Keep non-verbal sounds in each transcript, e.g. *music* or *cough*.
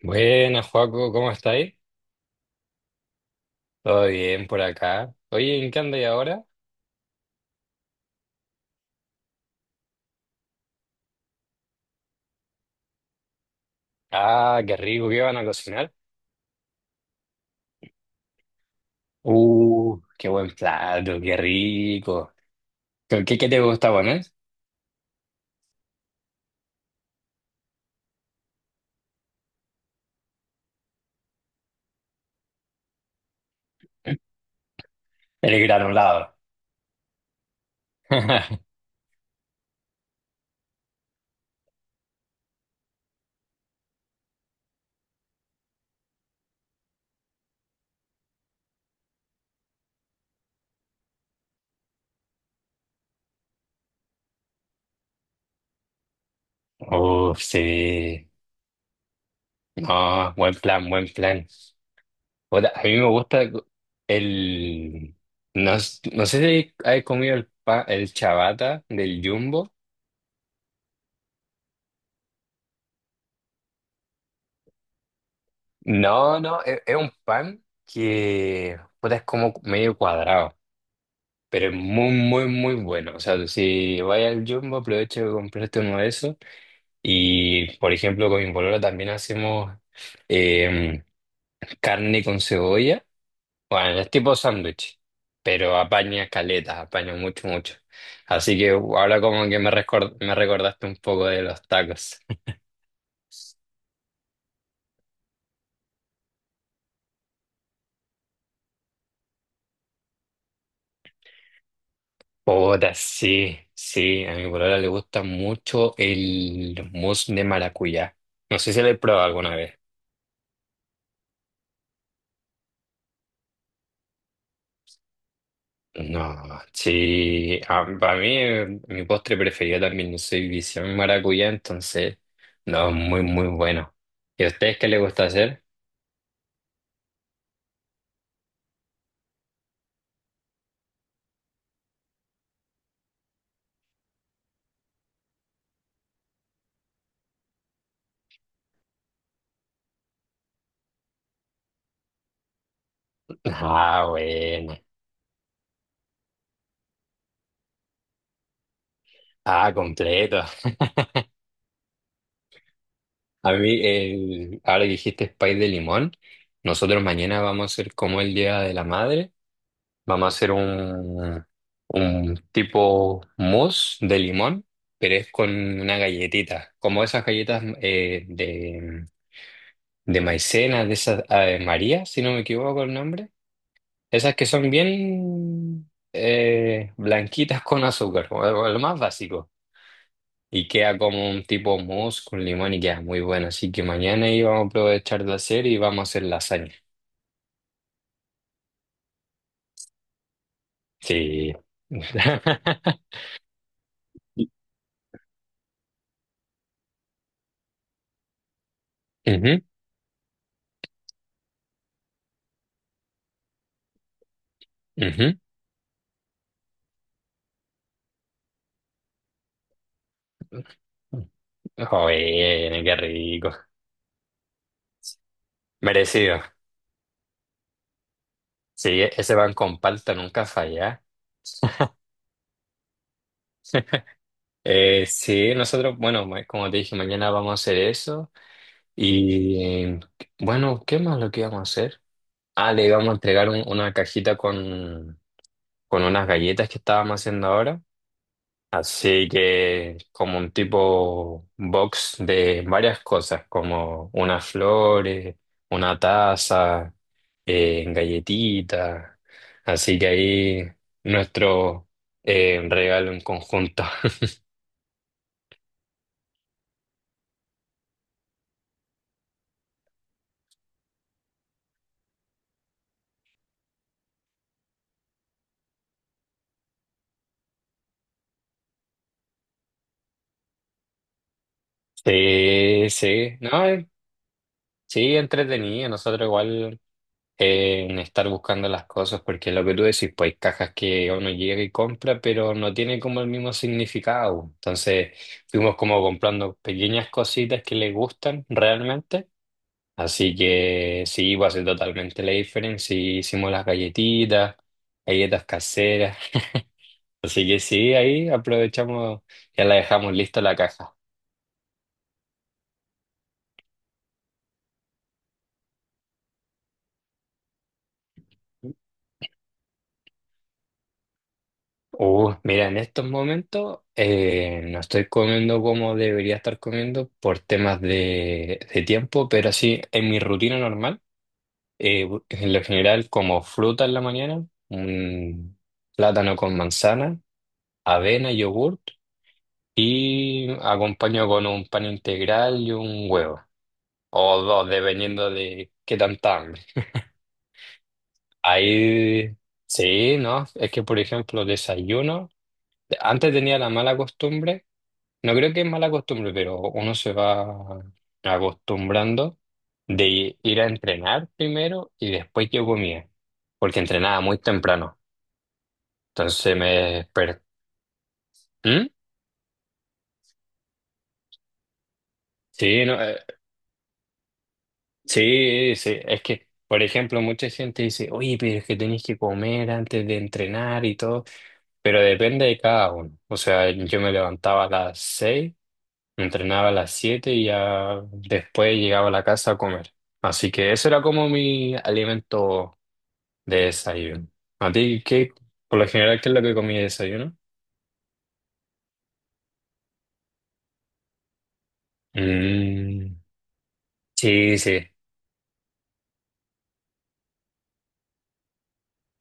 Buenas, Joaco, ¿cómo estáis? Todo bien por acá. Oye, ¿en qué andáis ahora? Ah, qué rico, ¿qué van a cocinar? Qué buen plato, qué rico. ¿Qué te gusta poner? El granulado. *laughs* Uf, sí. No, buen plan, buen plan. Puta, a mí me gusta el... No, no sé si has comido el pan, el chabata del Jumbo. No, es un pan que puta, es como medio cuadrado. Pero es muy, muy, muy bueno. O sea, si vais al Jumbo, aprovecha de comprarte uno de esos. Y, por ejemplo, con mi polola también hacemos eh, carne con cebolla. Bueno, es tipo sándwich, pero apaña caletas, apaña mucho, mucho. Así que ahora como que me recordaste un poco de los tacos. Puta, sí, sí, a mi polola le gusta mucho el mousse de maracuyá. No sé si lo he probado alguna vez. No, sí, para mí mi postre preferido también, yo soy visión maracuyá, entonces, no, es muy, muy bueno. ¿Y a ustedes qué les gusta hacer? *laughs* Ah, bueno, ah, completo. A mí, el, ahora que dijiste pay de limón, nosotros mañana vamos a hacer como el Día de la Madre, vamos a hacer un tipo mousse de limón, pero es con una galletita, como esas galletas de maicena, de esas María, si no me equivoco el nombre. Esas que son bien blanquitas con azúcar, como lo más básico. Y queda como un tipo mousse con limón y queda muy bueno. Así que mañana íbamos a aprovechar de hacer y vamos a hacer lasaña. Sí. *laughs* Ujú, ujú. Joder, qué rico. Merecido. Sí, ese pan con palta nunca falla. *laughs* Sí, nosotros, bueno, como te dije, mañana vamos a hacer eso. Y bueno, ¿qué más lo que íbamos a hacer? Ah, le íbamos a entregar una cajita con unas galletas que estábamos haciendo ahora. Así que como un tipo box de varias cosas, como unas flores, una taza, galletitas. Así que ahí nuestro regalo en conjunto. *laughs* Sí, sí, no, sí, entretenido. Nosotros igual en estar buscando las cosas, porque lo que tú decís, pues hay cajas que uno llega y compra, pero no tiene como el mismo significado. Entonces fuimos como comprando pequeñas cositas que le gustan realmente. Así que sí, va a ser totalmente la diferencia. Y hicimos las galletitas, galletas caseras. Así que sí, ahí aprovechamos, ya la dejamos lista la caja. Mira, en estos momentos no estoy comiendo como debería estar comiendo por temas de tiempo, pero sí, en mi rutina normal, en lo general como fruta en la mañana, un plátano con manzana, avena, yogurt y acompaño con un pan integral y un huevo, o dos, dependiendo de qué tanta hambre. Ahí, sí, ¿no? Es que, por ejemplo, desayuno. Antes tenía la mala costumbre. No creo que es mala costumbre, pero uno se va acostumbrando de ir a entrenar primero y después yo comía, porque entrenaba muy temprano. Entonces me desperté. Sí, no, sí, sí. Es que, por ejemplo, mucha gente dice, oye, pero es que tenés que comer antes de entrenar y todo, pero depende de cada uno. O sea, yo me levantaba a las seis. Entrenaba a las 7 y ya después llegaba a la casa a comer. Así que eso era como mi alimento de desayuno. ¿A ti qué, por lo general, qué es lo que comí de desayuno? Mm, sí, sí.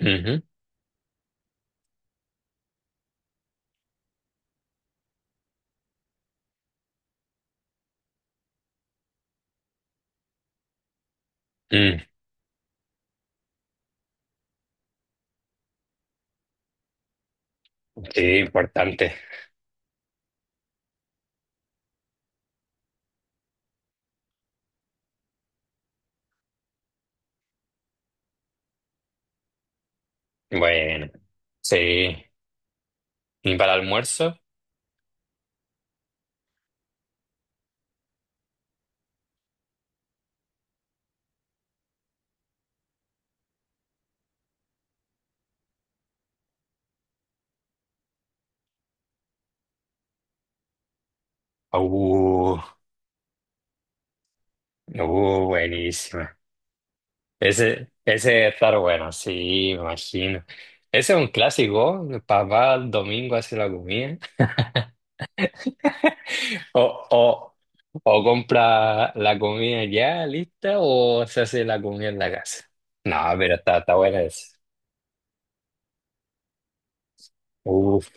Ujú. Mm, sí, importante. Bueno, sí. ¿Y para el almuerzo? Uh, buenísima. Ese, ese debe estar bueno, sí, me imagino. Ese es un clásico. Papá el domingo hace la comida. O, o, o compra la comida ya lista o se hace la comida en la casa. No, pero está, está buena esa. Uf,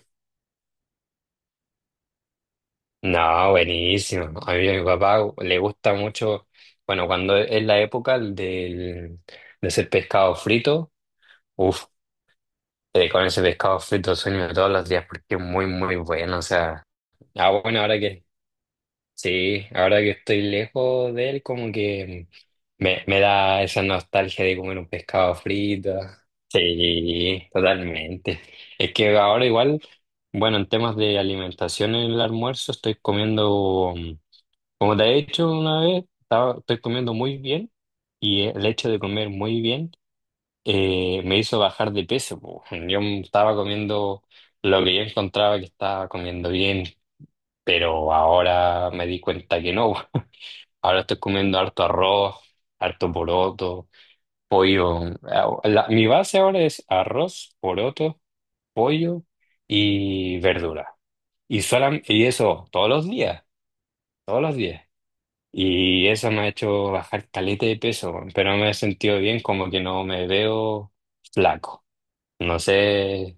no, buenísimo. A mí a mi papá le gusta mucho, bueno, cuando es la época del, de hacer pescado frito, uf, con ese pescado frito sueño todos los días porque es muy, muy bueno. O sea, ah, bueno, ahora que sí, ahora que estoy lejos de él, como que me da esa nostalgia de comer un pescado frito. Sí, totalmente. Es que ahora igual, bueno, en temas de alimentación en el almuerzo estoy comiendo, como te he dicho una vez, estoy comiendo muy bien y el hecho de comer muy bien me hizo bajar de peso. Po, yo estaba comiendo lo que yo encontraba que estaba comiendo bien, pero ahora me di cuenta que no. Ahora estoy comiendo harto arroz, harto poroto, pollo. Ah, mi base ahora es arroz, poroto, pollo y verdura. Y, y eso todos los días, todos los días. Y eso me ha hecho bajar caleta de peso, weón, pero me he sentido bien, como que no me veo flaco. No sé,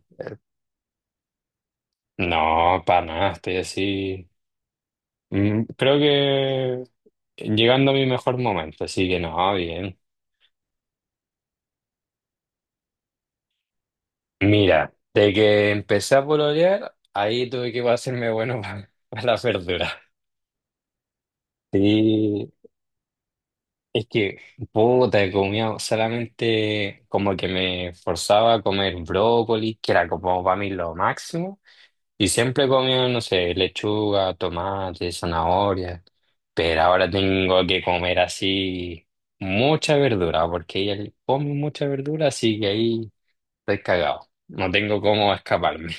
no, para nada, estoy así. Mm, creo que llegando a mi mejor momento, así que no, bien. Mira, de que empecé a pololear, ahí tuve que hacerme bueno *laughs* para las verduras. Y es que, puta, comía solamente como que me forzaba a comer brócoli, que era como para mí lo máximo. Y siempre comía, no sé, lechuga, tomate, zanahoria. Pero ahora tengo que comer así mucha verdura, porque ella come mucha verdura, así que ahí estoy cagado. No tengo cómo escaparme.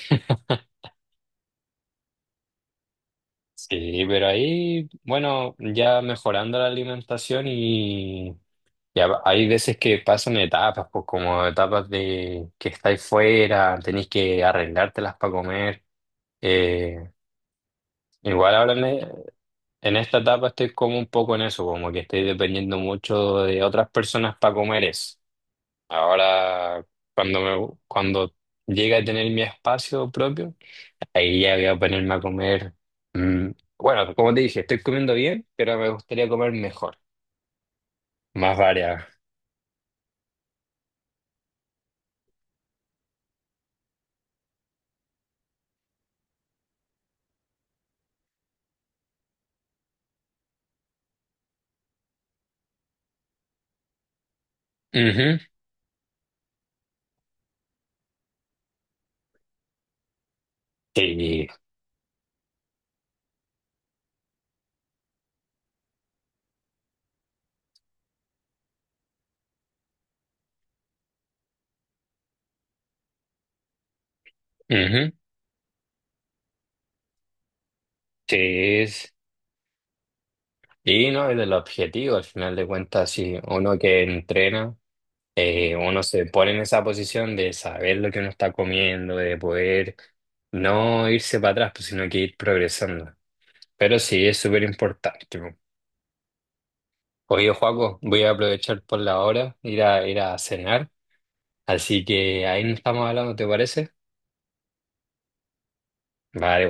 Sí, pero ahí, bueno, ya mejorando la alimentación y ya hay veces que pasan etapas, pues como etapas de que estáis fuera, tenéis que arreglártelas para comer. Eh, igual ahora en esta etapa estoy como un poco en eso, como que estoy dependiendo mucho de otras personas para comer eso. Ahora, cuando llegue a tener mi espacio propio. Ahí ya voy a ponerme a comer. Mm, bueno, como te dije, estoy comiendo bien, pero me gustaría comer mejor, más variado. Ujú, sí, ujú, sí, es. Y no es el objetivo, al final de cuentas, si uno que entrena, uno se pone en esa posición de saber lo que uno está comiendo, de poder no irse para atrás, pues, sino que ir progresando. Pero sí, es súper importante, po. Oye, Joaco, voy a aprovechar por la hora, ir ir a cenar. Así que ahí nos estamos hablando, ¿te parece? Vale,